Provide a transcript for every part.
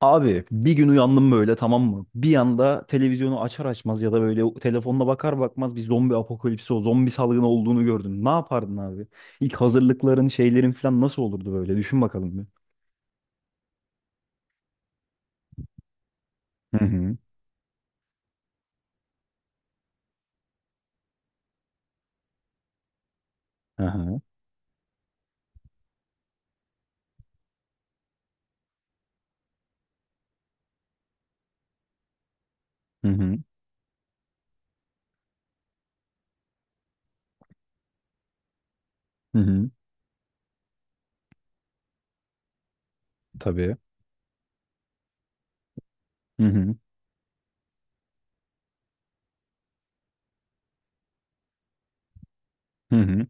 Abi bir gün uyandım böyle, tamam mı? Bir anda televizyonu açar açmaz ya da böyle telefonuna bakar bakmaz bir zombi apokalipsi, o zombi salgını olduğunu gördüm. Ne yapardın abi? İlk hazırlıkların, şeylerin falan nasıl olurdu böyle? Düşün bakalım bir. Hı hı. Aha. Hı hı. Hı hı. Tabii. Hı hı. Hı hı.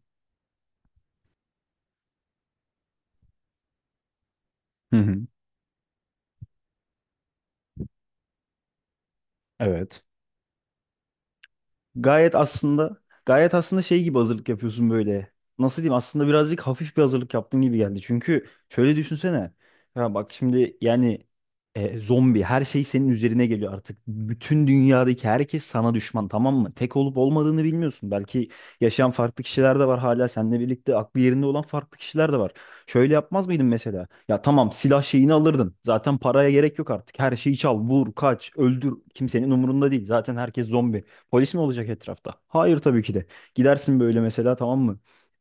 Hı hı. Evet. Gayet aslında Gayet aslında şey gibi hazırlık yapıyorsun böyle. Nasıl diyeyim? Aslında birazcık hafif bir hazırlık yaptığın gibi geldi. Çünkü şöyle düşünsene. Ya bak şimdi yani zombi, her şey senin üzerine geliyor artık. Bütün dünyadaki herkes sana düşman, tamam mı? Tek olup olmadığını bilmiyorsun. Belki yaşayan farklı kişiler de var, hala seninle birlikte aklı yerinde olan farklı kişiler de var. Şöyle yapmaz mıydın mesela? Ya tamam, silah şeyini alırdın. Zaten paraya gerek yok artık. Her şeyi çal, vur, kaç, öldür. Kimsenin umurunda değil. Zaten herkes zombi. Polis mi olacak etrafta? Hayır, tabii ki de. Gidersin böyle mesela, tamam mı?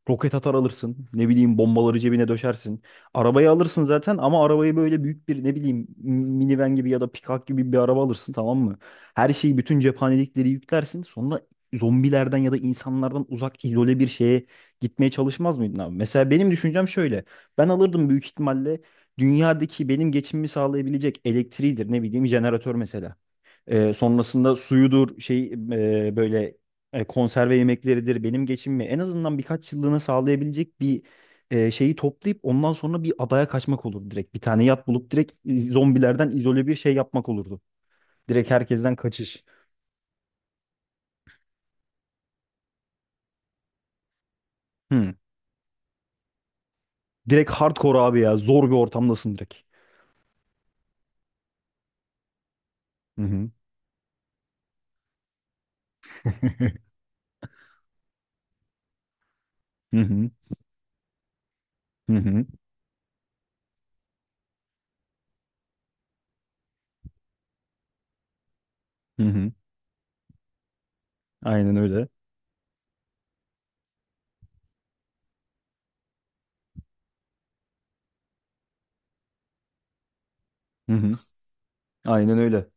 Roket atar alırsın. Ne bileyim, bombaları cebine döşersin. Arabayı alırsın zaten, ama arabayı böyle büyük bir, ne bileyim, minivan gibi ya da pikap gibi bir araba alırsın, tamam mı? Her şeyi, bütün cephanelikleri yüklersin. Sonra zombilerden ya da insanlardan uzak izole bir şeye gitmeye çalışmaz mıydın abi? Mesela benim düşüncem şöyle. Ben alırdım büyük ihtimalle dünyadaki benim geçimimi sağlayabilecek elektriğidir, ne bileyim jeneratör mesela. Sonrasında suyudur, böyle konserve yemekleridir, benim geçimimi en azından birkaç yıllığına sağlayabilecek bir şeyi toplayıp ondan sonra bir adaya kaçmak olur direkt. Bir tane yat bulup direkt zombilerden izole bir şey yapmak olurdu. Direkt herkesten kaçış. Hı. Direkt hardcore abi ya. Zor bir ortamdasın direkt. Hı hı. Hı hı. Hı hı. Hı hı. Aynen öyle. Hı hı. Aynen öyle.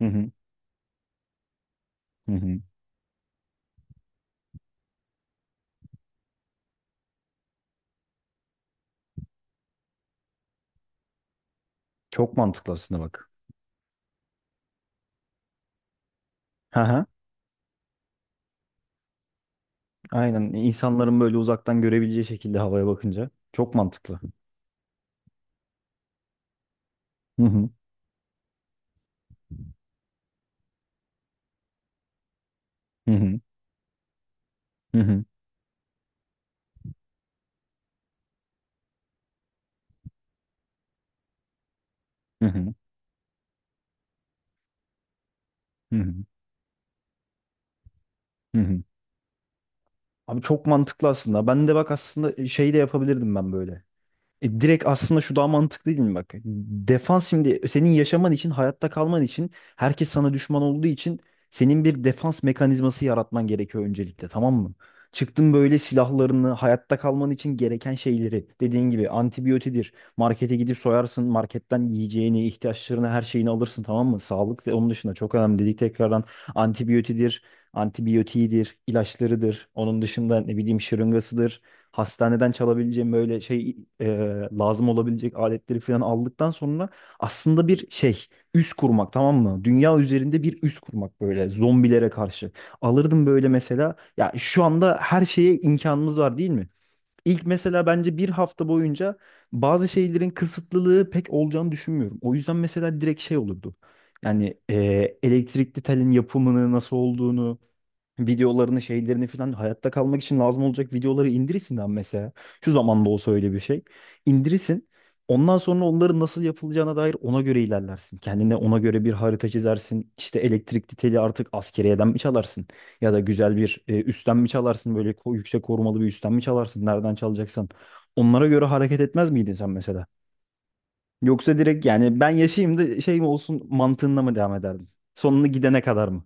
Hı hı. Hı hı. Çok mantıklı aslında, bak. Hı hı. Aynen, insanların böyle uzaktan görebileceği şekilde havaya bakınca çok mantıklı. Hı hı. Hı hı. Hı hı. Hı hı. Hı hı. Hı hı. Abi çok mantıklı aslında. Ben de bak aslında şey de yapabilirdim ben böyle. Direkt aslında şu daha mantıklı değil mi, bak? Defans, şimdi senin yaşaman için, hayatta kalman için, herkes sana düşman olduğu için senin bir defans mekanizması yaratman gerekiyor öncelikle, tamam mı? Çıktın böyle, silahlarını, hayatta kalman için gereken şeyleri, dediğin gibi antibiyotidir. Markete gidip soyarsın, marketten yiyeceğini, ihtiyaçlarını, her şeyini alırsın, tamam mı? Sağlık ve onun dışında çok önemli dedik tekrardan. Antibiyotidir, Antibiyotiğidir, ilaçlarıdır. Onun dışında ne bileyim şırıngasıdır, hastaneden çalabileceğim böyle lazım olabilecek aletleri falan aldıktan sonra aslında bir şey, üs kurmak, tamam mı? Dünya üzerinde bir üs kurmak böyle zombilere karşı. Alırdım böyle mesela, ya şu anda her şeye imkanımız var değil mi? İlk mesela bence bir hafta boyunca bazı şeylerin kısıtlılığı pek olacağını düşünmüyorum. O yüzden mesela direkt şey olurdu. Yani elektrikli telin yapımını nasıl olduğunu, videolarını, şeylerini falan hayatta kalmak için lazım olacak videoları indirsin lan mesela. Şu zamanda olsa öyle bir şey. İndirirsin. Ondan sonra onların nasıl yapılacağına dair ona göre ilerlersin. Kendine ona göre bir harita çizersin. İşte elektrikli teli artık askeriyeden mi çalarsın? Ya da güzel bir, üstten mi çalarsın? Böyle yüksek korumalı bir üstten mi çalarsın? Nereden çalacaksan. Onlara göre hareket etmez miydin sen mesela? Yoksa direkt yani ben yaşayayım da şey mi olsun mantığında mı devam ederdin? Sonunu gidene kadar mı?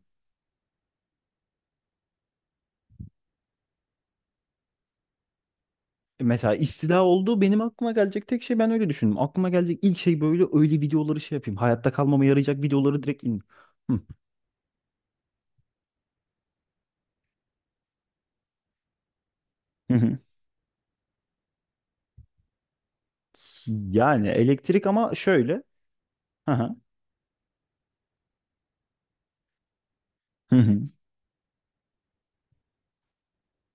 Mesela istila olduğu benim aklıma gelecek tek şey, ben öyle düşündüm. Aklıma gelecek ilk şey böyle öyle videoları şey yapayım. Hayatta kalmama yarayacak videoları direkt in. Hı. Hı hı. Yani elektrik, ama şöyle. Hı hı. Hı hı.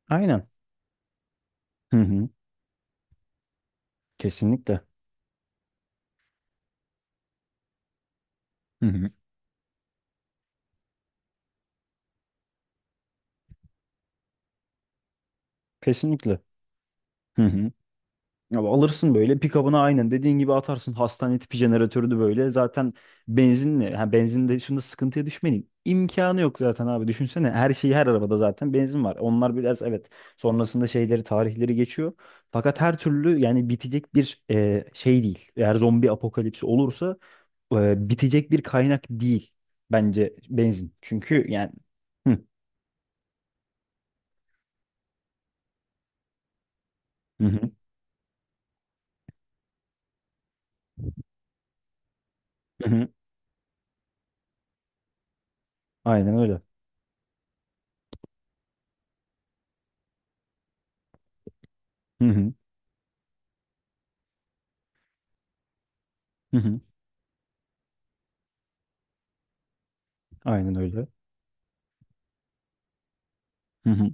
Aynen. Hı hı. Kesinlikle. Hı hı. Kesinlikle. Hı hı. Ya alırsın böyle pick-up'ına, aynen dediğin gibi atarsın hastane tipi jeneratörü de böyle zaten benzinle, ha benzin de şimdi sıkıntıya düşmenin imkanı yok zaten abi, düşünsene her şeyi, her arabada zaten benzin var, onlar biraz evet, sonrasında şeyleri, tarihleri geçiyor, fakat her türlü yani bitecek bir şey değil eğer zombi apokalipsi olursa. Bitecek bir kaynak değil bence benzin, çünkü yani hı hı. Hı. Hı. Aynen öyle. Hı hı. Hı hı. Aynen öyle. Hı hı.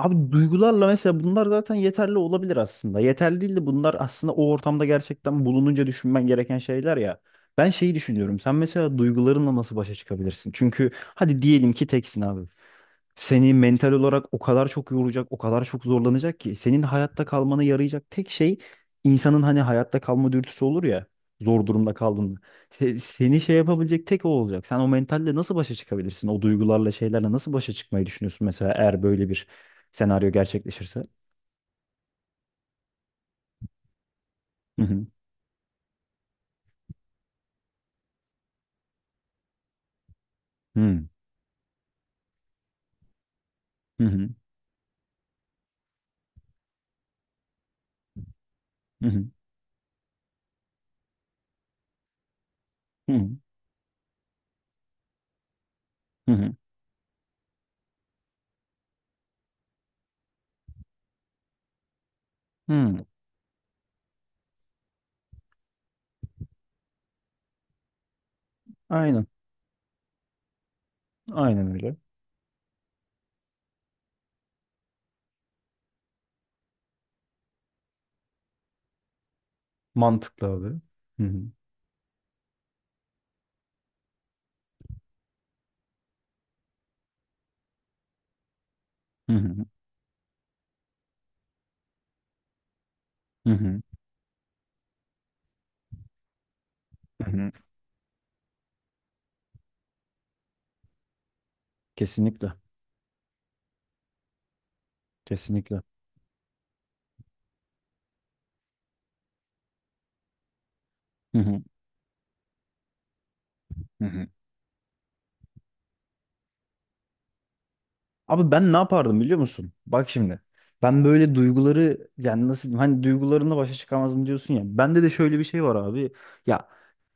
Abi duygularla mesela, bunlar zaten yeterli olabilir aslında. Yeterli değil de, bunlar aslında o ortamda gerçekten bulununca düşünmen gereken şeyler ya. Ben şeyi düşünüyorum. Sen mesela duygularınla nasıl başa çıkabilirsin? Çünkü hadi diyelim ki teksin abi. Seni mental olarak o kadar çok yoracak, o kadar çok zorlanacak ki, senin hayatta kalmana yarayacak tek şey insanın hani hayatta kalma dürtüsü olur ya, zor durumda kaldığında. Seni şey yapabilecek tek o olacak. Sen o mentalle nasıl başa çıkabilirsin? O duygularla, şeylerle nasıl başa çıkmayı düşünüyorsun mesela, eğer böyle bir senaryo gerçekleşirse. Hı hı. Hı hı. Hı hı. Hı hı. Hı hı. Hı. Aynen. Aynen öyle. Mantıklı abi. Hı hı. Hı hı. Hı hı. Hı hı. Kesinlikle. Kesinlikle. Hı hı. Hı hı. Abi ben ne yapardım biliyor musun? Bak şimdi. Ben böyle duyguları yani nasıl diyeyim, hani duygularımla başa çıkamazdım diyorsun ya. Bende de şöyle bir şey var abi. Ya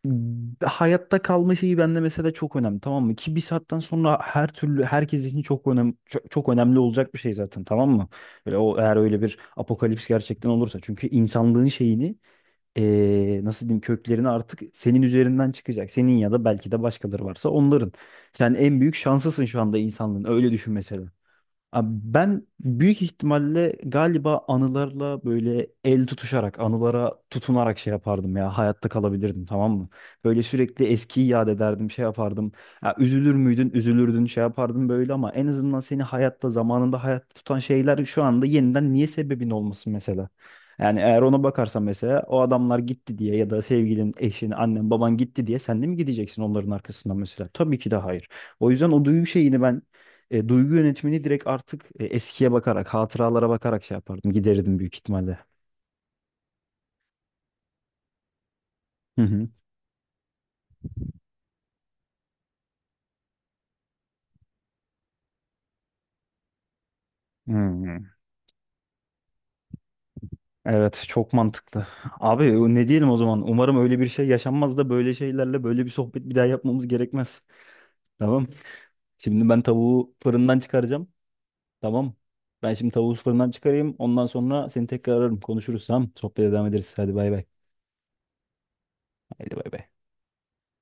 hayatta kalma şeyi bende mesela çok önemli, tamam mı? Ki bir saatten sonra her türlü herkes için çok önemli, çok önemli olacak bir şey zaten, tamam mı? Böyle o, eğer öyle bir apokalips gerçekten olursa, çünkü insanlığın şeyini, nasıl diyeyim, köklerini artık senin üzerinden çıkacak. Senin ya da belki de başkaları varsa onların. Sen en büyük şanslısın şu anda insanlığın. Öyle düşün mesela. Abi ben büyük ihtimalle galiba anılarla böyle el tutuşarak, anılara tutunarak şey yapardım ya. Hayatta kalabilirdim, tamam mı? Böyle sürekli eskiyi yad ederdim, şey yapardım. Ya üzülür müydün, üzülürdün, şey yapardım böyle, ama en azından seni hayatta, zamanında hayatta tutan şeyler şu anda yeniden niye sebebin olmasın mesela? Yani eğer ona bakarsan mesela, o adamlar gitti diye ya da sevgilin, eşin, annen, baban gitti diye sen de mi gideceksin onların arkasından mesela? Tabii ki de hayır. O yüzden o duygu şeyini ben, duygu yönetimini direkt artık eskiye bakarak, hatıralara bakarak şey yapardım. Giderirdim büyük ihtimalle. Hı hı. Hmm. Evet, çok mantıklı. Abi o ne diyelim o zaman? Umarım öyle bir şey yaşanmaz da böyle şeylerle böyle bir sohbet bir daha yapmamız gerekmez. Tamam. Şimdi ben tavuğu fırından çıkaracağım. Tamam. Ben şimdi tavuğu fırından çıkarayım. Ondan sonra seni tekrar ararım. Konuşuruz, tamam. Sohbete devam ederiz. Hadi bay bay. Hadi bay bay.